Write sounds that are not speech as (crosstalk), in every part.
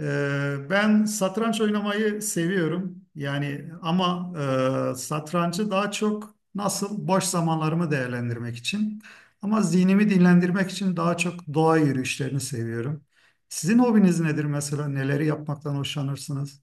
Ben satranç oynamayı seviyorum. Yani ama satrancı daha çok nasıl boş zamanlarımı değerlendirmek için ama zihnimi dinlendirmek için daha çok doğa yürüyüşlerini seviyorum. Sizin hobiniz nedir mesela? Neleri yapmaktan hoşlanırsınız?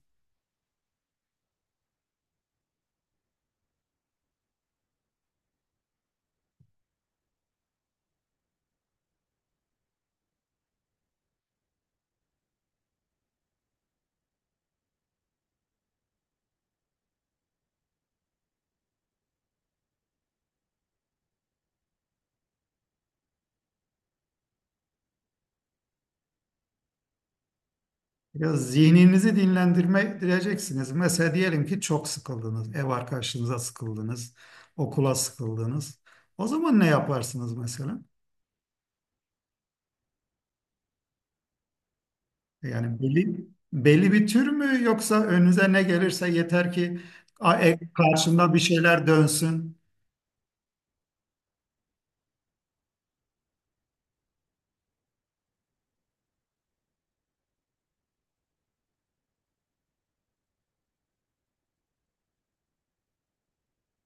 Ya zihninizi dinlendireceksiniz. Mesela diyelim ki çok sıkıldınız, ev arkadaşınıza sıkıldınız, okula sıkıldınız. O zaman ne yaparsınız mesela? Yani belli bir tür mü yoksa önünüze ne gelirse yeter ki karşında bir şeyler dönsün.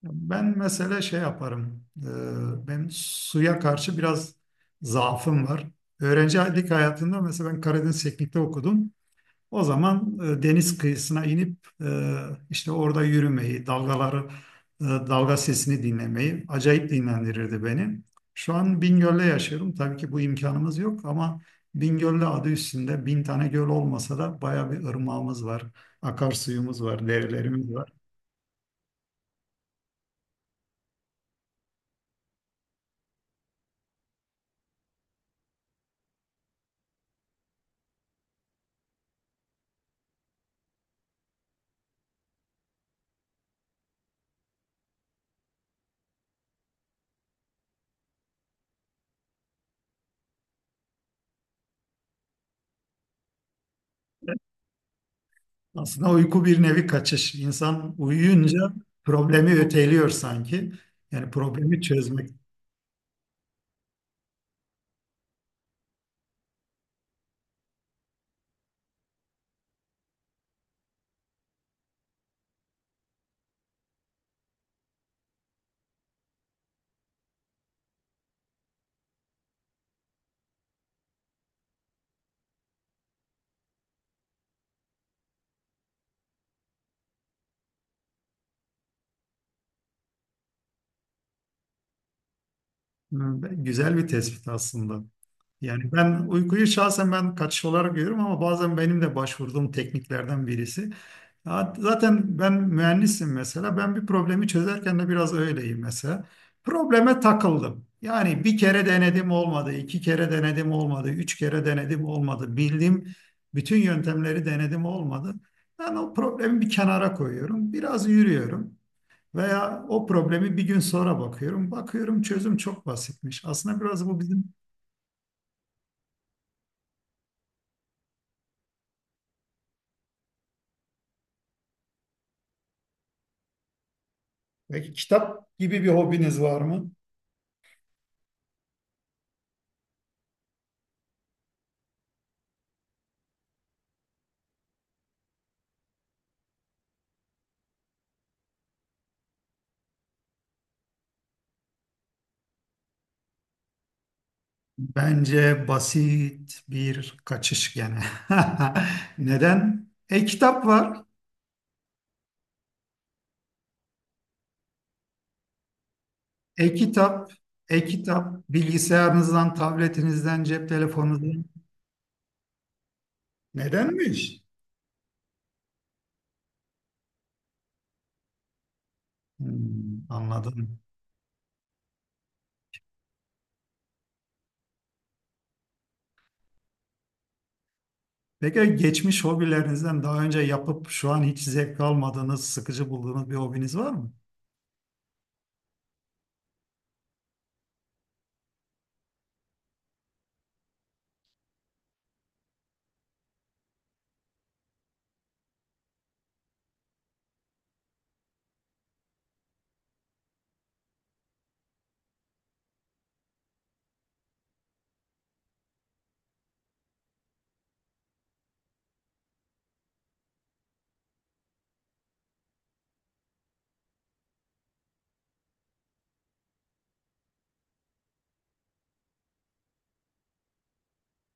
Ben mesela şey yaparım. Benim suya karşı biraz zaafım var. Öğrencilik hayatında mesela ben Karadeniz Teknik'te okudum. O zaman deniz kıyısına inip işte orada yürümeyi, dalgaları, dalga sesini dinlemeyi acayip dinlendirirdi beni. Şu an Bingöl'de yaşıyorum. Tabii ki bu imkanımız yok ama Bingöl'de adı üstünde bin tane göl olmasa da baya bir ırmağımız var, akarsuyumuz var, derelerimiz var. Aslında uyku bir nevi kaçış. İnsan uyuyunca problemi öteliyor sanki. Yani problemi çözmek e, güzel bir tespit aslında. Yani ben uykuyu şahsen ben kaçış olarak görüyorum ama bazen benim de başvurduğum tekniklerden birisi. Ya zaten ben mühendisim mesela. Ben bir problemi çözerken de biraz öyleyim mesela. Probleme takıldım. Yani bir kere denedim olmadı, iki kere denedim olmadı, üç kere denedim olmadı. Bildiğim bütün yöntemleri denedim olmadı. Ben o problemi bir kenara koyuyorum. Biraz yürüyorum. Veya o problemi bir gün sonra bakıyorum. Bakıyorum çözüm çok basitmiş. Aslında biraz bu bizim... Peki kitap gibi bir hobiniz var mı? Bence basit bir kaçış gene. (laughs) Neden? E-kitap var. E-kitap, e-kitap bilgisayarınızdan, tabletinizden, cep telefonunuzdan. Nedenmiş? Hmm, anladım. Peki geçmiş hobilerinizden daha önce yapıp şu an hiç zevk almadığınız, sıkıcı bulduğunuz bir hobiniz var mı?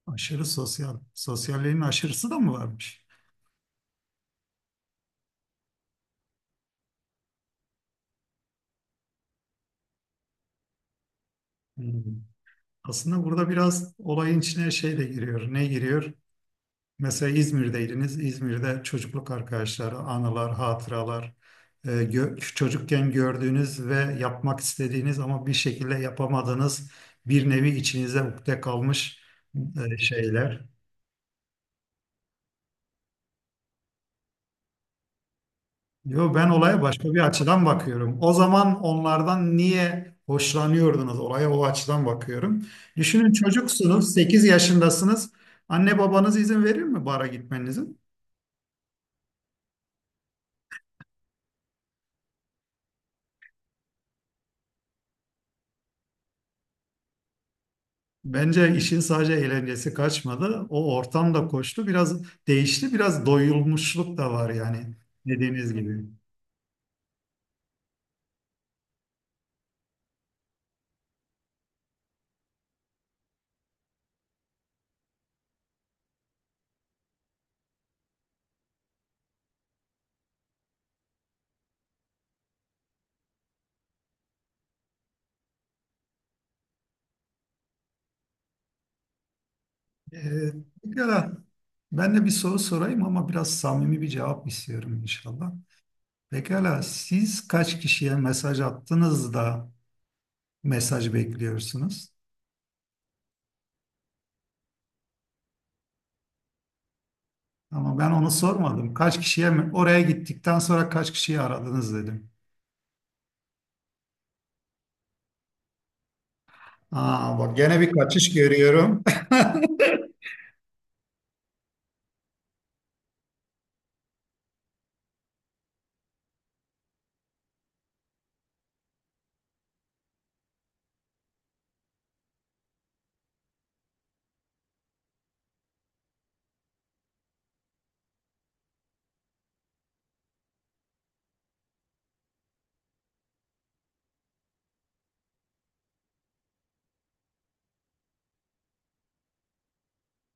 Aşırı sosyal. Sosyalliğin aşırısı da mı varmış? Hmm. Aslında burada biraz olayın içine şey de giriyor. Ne giriyor? Mesela İzmir'deydiniz. İzmir'de çocukluk arkadaşları, anılar, hatıralar, çocukken gördüğünüz ve yapmak istediğiniz ama bir şekilde yapamadığınız bir nevi içinize ukde kalmış şeyler. Yo, ben olaya başka bir açıdan bakıyorum. O zaman onlardan niye hoşlanıyordunuz? Olaya o açıdan bakıyorum. Düşünün çocuksunuz, 8 yaşındasınız. Anne babanız izin verir mi bara gitmenize? Bence işin sadece eğlencesi kaçmadı. O ortam da koştu. Biraz değişti. Biraz doyulmuşluk da var yani dediğiniz gibi. Ee, Pekala. Ben de bir soru sorayım ama biraz samimi bir cevap istiyorum inşallah. Pekala siz kaç kişiye mesaj attınız da mesaj bekliyorsunuz? Ama ben onu sormadım. Kaç kişiye mi? Oraya gittikten sonra kaç kişiyi aradınız dedim. Aa, bak gene bir kaçış görüyorum. (laughs)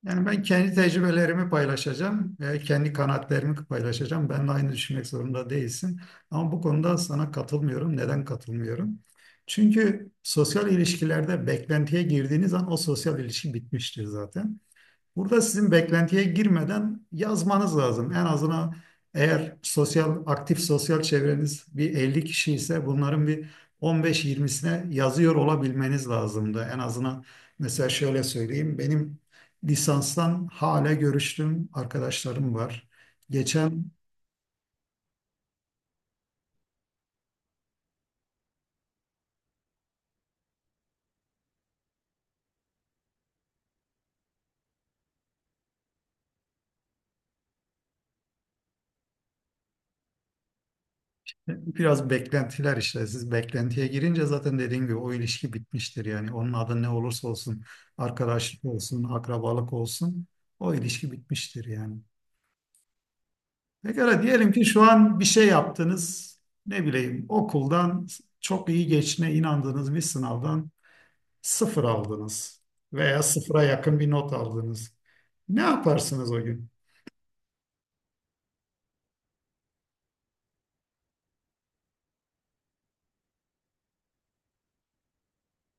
Yani ben kendi tecrübelerimi paylaşacağım ve kendi kanaatlerimi paylaşacağım. Benimle aynı düşünmek zorunda değilsin. Ama bu konuda sana katılmıyorum. Neden katılmıyorum? Çünkü sosyal ilişkilerde beklentiye girdiğiniz an o sosyal ilişki bitmiştir zaten. Burada sizin beklentiye girmeden yazmanız lazım. En azından eğer sosyal aktif sosyal çevreniz bir 50 kişi ise bunların bir 15-20'sine yazıyor olabilmeniz lazımdı. En azından mesela şöyle söyleyeyim. Benim lisanstan hala görüştüğüm arkadaşlarım var. Geçen biraz beklentiler işte. Siz beklentiye girince zaten dediğim gibi o ilişki bitmiştir. Yani onun adı ne olursa olsun, arkadaşlık olsun, akrabalık olsun o ilişki bitmiştir yani. Pekala diyelim ki şu an bir şey yaptınız. Ne bileyim okuldan çok iyi geçine inandığınız bir sınavdan sıfır aldınız veya sıfıra yakın bir not aldınız. Ne yaparsınız o gün?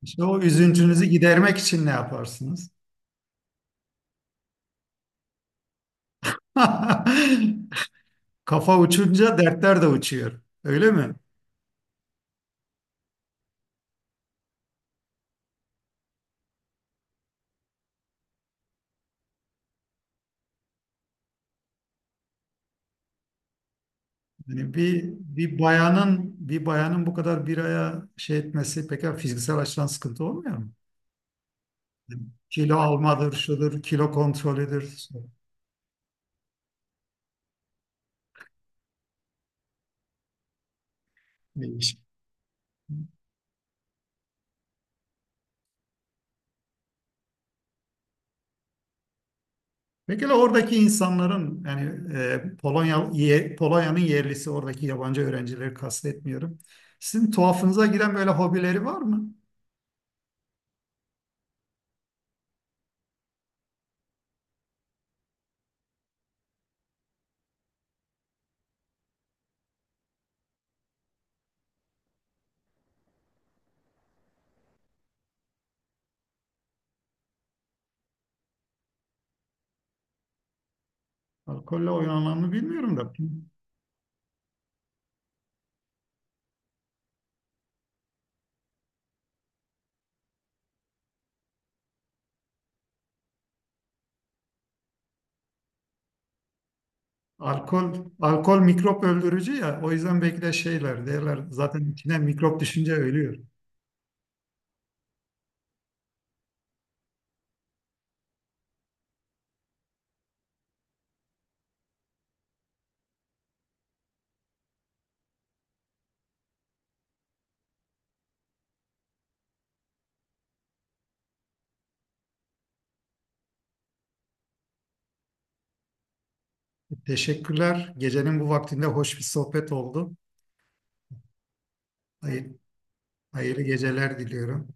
İşte o üzüntünüzü gidermek için ne yaparsınız? (laughs) Kafa uçunca dertler de uçuyor. Öyle mi? Yani bir bayanın bu kadar bir aya şey etmesi pek fiziksel açıdan sıkıntı olmuyor mu? Kilo almadır, şudur, kilo kontrolüdür. İyiymiş. Peki oradaki insanların yani Polonya'nın yerlisi oradaki yabancı öğrencileri kastetmiyorum. Sizin tuhafınıza giren böyle hobileri var mı? Alkolle oynananı bilmiyorum da. Alkol alkol mikrop öldürücü ya o yüzden belki de şeyler derler zaten içine mikrop düşünce ölüyor. Teşekkürler. Gecenin bu vaktinde hoş bir sohbet oldu. Hayır, hayırlı geceler diliyorum.